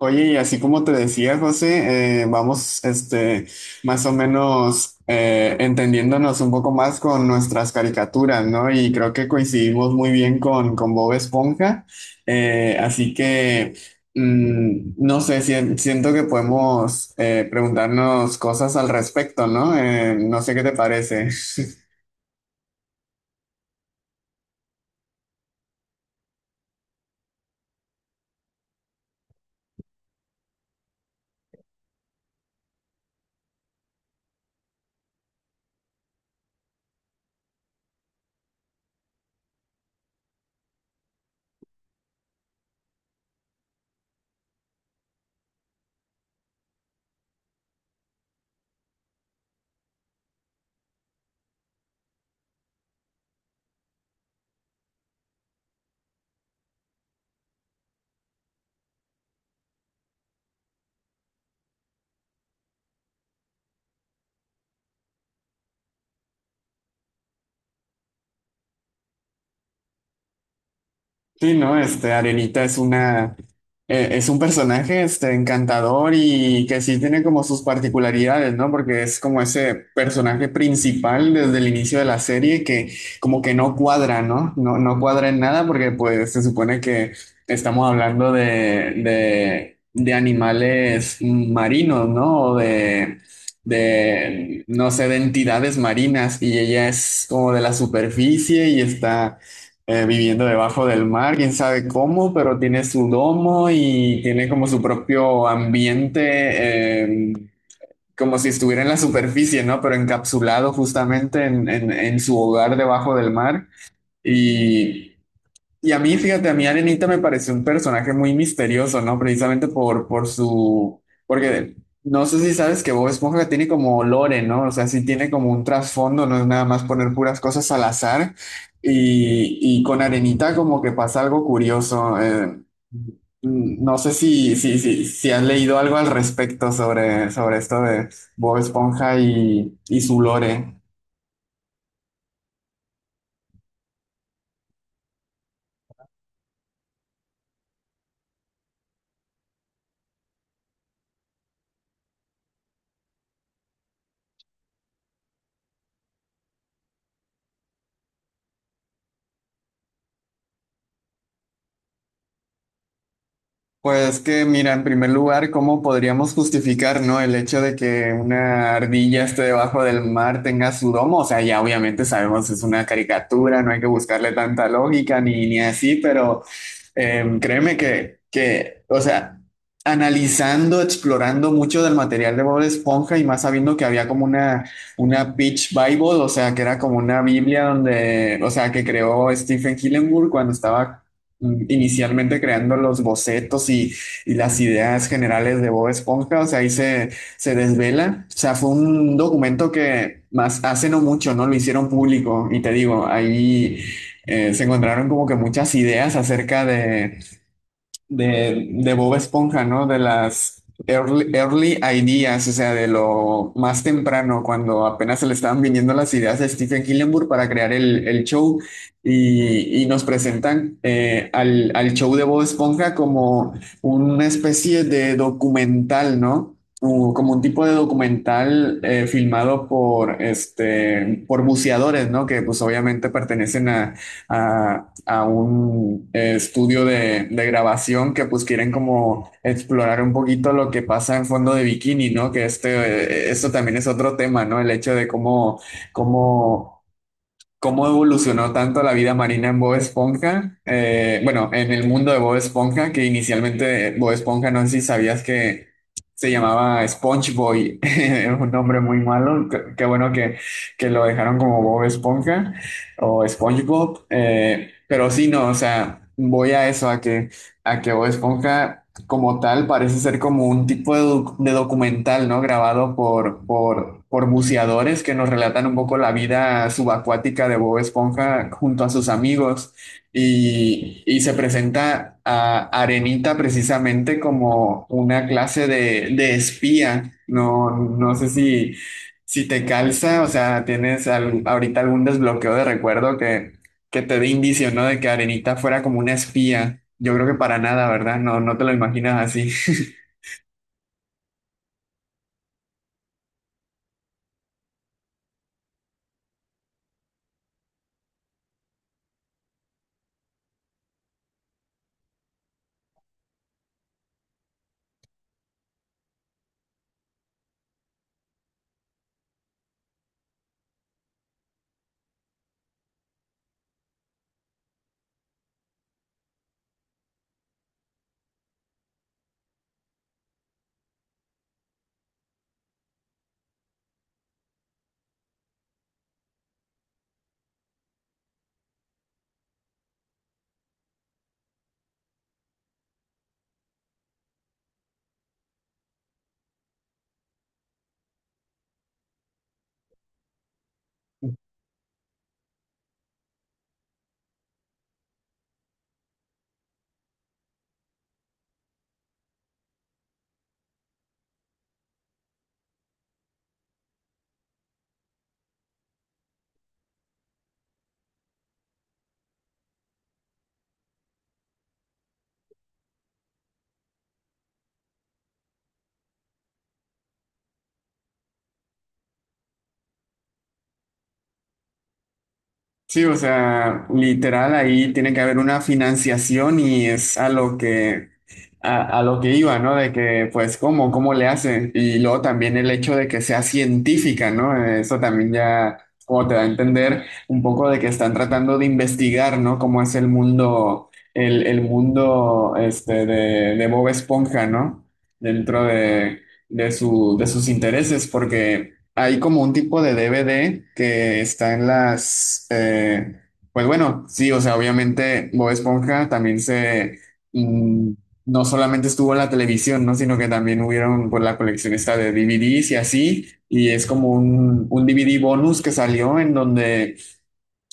Oye, y así como te decía, José, vamos, más o menos entendiéndonos un poco más con nuestras caricaturas, ¿no? Y creo que coincidimos muy bien con Bob Esponja. Eh, así que, no sé, siento que podemos preguntarnos cosas al respecto, ¿no? No sé qué te parece. Sí, ¿no? Este, Arenita es es un personaje, este, encantador y que sí tiene como sus particularidades, ¿no? Porque es como ese personaje principal desde el inicio de la serie que como que no cuadra, ¿no? No, no cuadra en nada porque pues se supone que estamos hablando de animales marinos, ¿no? O no sé, de entidades marinas y ella es como de la superficie y está viviendo debajo del mar, quién sabe cómo, pero tiene su domo y tiene como su propio ambiente, como si estuviera en la superficie, ¿no? Pero encapsulado justamente en su hogar debajo del mar. Y y a mí, fíjate, a mí Arenita me pareció un personaje muy misterioso, ¿no? Precisamente por su... Porque no sé si sabes que Bob Esponja tiene como lore, ¿no? O sea, sí tiene como un trasfondo, no es nada más poner puras cosas al azar. Y con Arenita como que pasa algo curioso. No sé si has leído algo al respecto sobre esto de Bob Esponja y su lore. Pues que, mira, en primer lugar, ¿cómo podríamos justificar, ¿no? El hecho de que una ardilla esté debajo del mar tenga su domo. O sea, ya obviamente sabemos es una caricatura, no hay que buscarle tanta lógica ni así, pero créeme o sea, analizando, explorando mucho del material de Bob Esponja y más sabiendo que había como una Beach Bible, o sea, que era como una Biblia donde, o sea, que creó Stephen Hillenburg cuando estaba inicialmente creando los bocetos y las ideas generales de Bob Esponja, o sea, se desvela. O sea, fue un documento que más hace no mucho, ¿no? Lo hicieron público y te digo, ahí se encontraron como que muchas ideas acerca de Bob Esponja, ¿no? De las early ideas, o sea, de lo más temprano, cuando apenas se le estaban viniendo las ideas a Stephen Hillenburg para crear el show y nos presentan al show de Bob Esponja como una especie de documental, ¿no? Como un tipo de documental filmado por, este, por buceadores, ¿no? Que pues obviamente pertenecen a un estudio de grabación que pues quieren como explorar un poquito lo que pasa en fondo de bikini, ¿no? Que este, esto también es otro tema, ¿no? El hecho de cómo cómo evolucionó tanto la vida marina en Bob Esponja, bueno, en el mundo de Bob Esponja, que inicialmente Bob Esponja, no sé si sabías que se llamaba SpongeBob, es un nombre muy malo, qué bueno que lo dejaron como Bob Esponja o SpongeBob, pero sí, no, o sea, voy a eso, a que Bob Esponja como tal, parece ser como un tipo de, de documental, ¿no? Grabado por buceadores que nos relatan un poco la vida subacuática de Bob Esponja junto a sus amigos. Y se presenta a Arenita precisamente como una clase de espía. No, no sé si, si te calza, o sea, tienes ahorita algún desbloqueo de recuerdo que te dé indicio, ¿no? De que Arenita fuera como una espía. Yo creo que para nada, ¿verdad? No, no te lo imaginas así. Sí, o sea, literal ahí tiene que haber una financiación y es a lo que a lo que iba, ¿no? De que pues cómo le hacen y luego también el hecho de que sea científica, ¿no? Eso también ya como te da a entender un poco de que están tratando de investigar, ¿no? ¿Cómo es el mundo el mundo este de Bob Esponja, ¿no? Dentro de sus intereses porque hay como un tipo de DVD que está en las, pues bueno, sí, o sea, obviamente Bob Esponja también mm, no solamente estuvo en la televisión, ¿no? Sino que también hubieron por la colección esta de DVDs y así, y es como un DVD bonus que salió en donde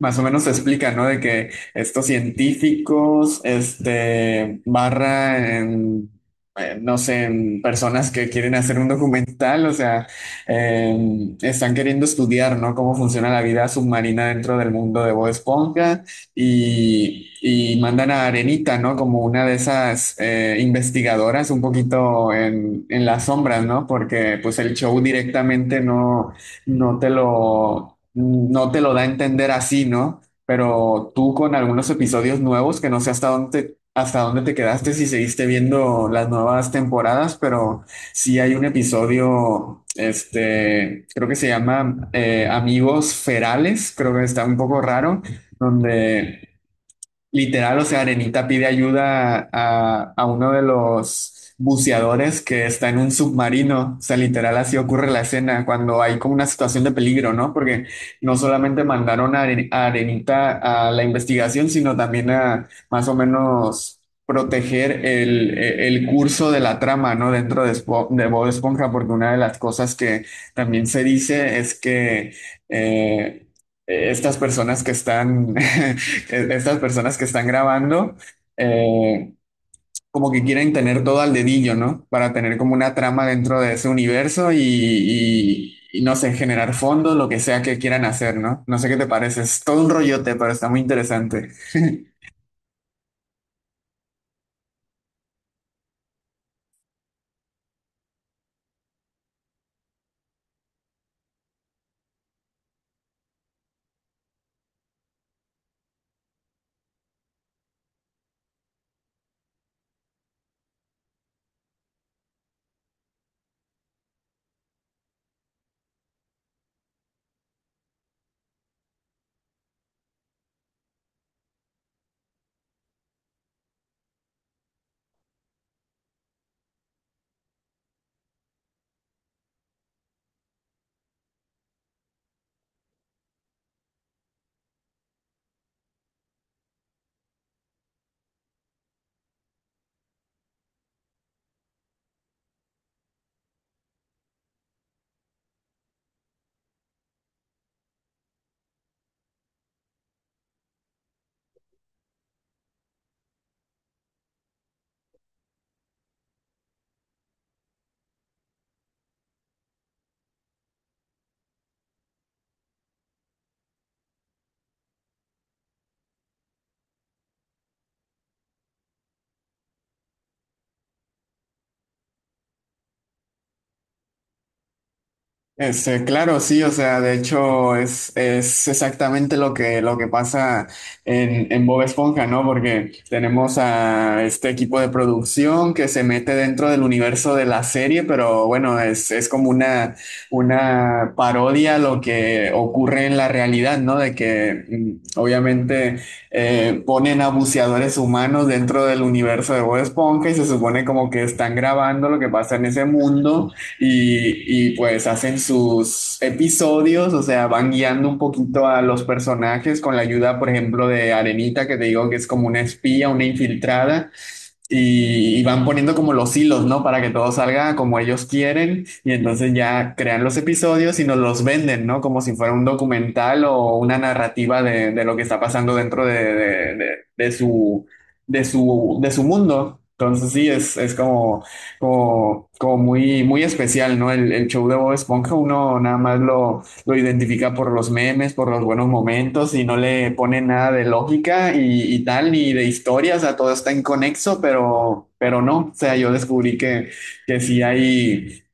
más o menos se explica, ¿no? De que estos científicos, este, barra en, no sé, en personas que quieren hacer un documental, o sea, eh, están queriendo estudiar, ¿no? Cómo funciona la vida submarina dentro del mundo de Bob Esponja y mandan a Arenita, ¿no? Como una de esas investigadoras un poquito en las sombras, ¿no? Porque pues el show directamente no te lo da a entender así, ¿no? Pero tú con algunos episodios nuevos, que no sé hasta dónde te quedaste, si seguiste viendo las nuevas temporadas, pero sí hay un episodio, este, creo que se llama Amigos Ferales, creo que está un poco raro, donde literal, o sea, Arenita pide ayuda a uno de los buceadores que está en un submarino. O sea, literal, así ocurre la escena cuando hay como una situación de peligro, ¿no? Porque no solamente mandaron a Arenita a la investigación, sino también a más o menos proteger el curso de la trama, ¿no? Dentro de, de Bob Esponja, porque una de las cosas que también se dice es que eh, estas personas que están estas personas que están grabando, eh, como que quieren tener todo al dedillo, ¿no? Para tener como una trama dentro de ese universo y y no sé, generar fondos, lo que sea que quieran hacer, ¿no? No sé qué te parece, es todo un rollote, pero está muy interesante. Este, claro, sí, o sea, de hecho es exactamente lo lo que pasa en Bob Esponja, ¿no? Porque tenemos a este equipo de producción que se mete dentro del universo de la serie, pero bueno, es como una parodia a lo que ocurre en la realidad, ¿no? De que obviamente ponen a buceadores humanos dentro del universo de Bob Esponja y se supone como que están grabando lo que pasa en ese mundo y pues hacen sus episodios, o sea, van guiando un poquito a los personajes con la ayuda, por ejemplo, de Arenita, que te digo que es como una espía, una infiltrada, y van poniendo como los hilos, ¿no? Para que todo salga como ellos quieren y entonces ya crean los episodios y nos los venden, ¿no? Como si fuera un documental o una narrativa de lo que está pasando dentro de de su mundo. Entonces sí, es como, muy, muy especial, ¿no? El show de Bob Esponja uno nada más lo identifica por los memes, por los buenos momentos y no le pone nada de lógica y tal, ni de historia, o sea, todo está inconexo, pero no, o sea, yo descubrí que sí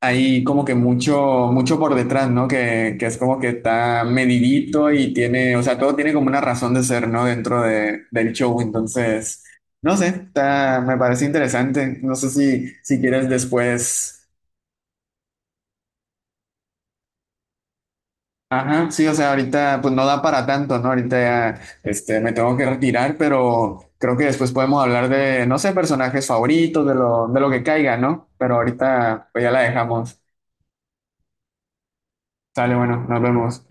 hay como que mucho, mucho por detrás, ¿no? Que es como que está medidito y tiene, o sea, todo tiene como una razón de ser, ¿no? Dentro de, del show, entonces, no sé, está, me parece interesante, no sé si, si quieres después... Ajá, sí, o sea, ahorita pues no da para tanto, ¿no? Ahorita ya, este, me tengo que retirar, pero creo que después podemos hablar de, no sé, personajes favoritos, de lo que caiga, ¿no? Pero ahorita pues ya la dejamos. Sale, bueno, nos vemos.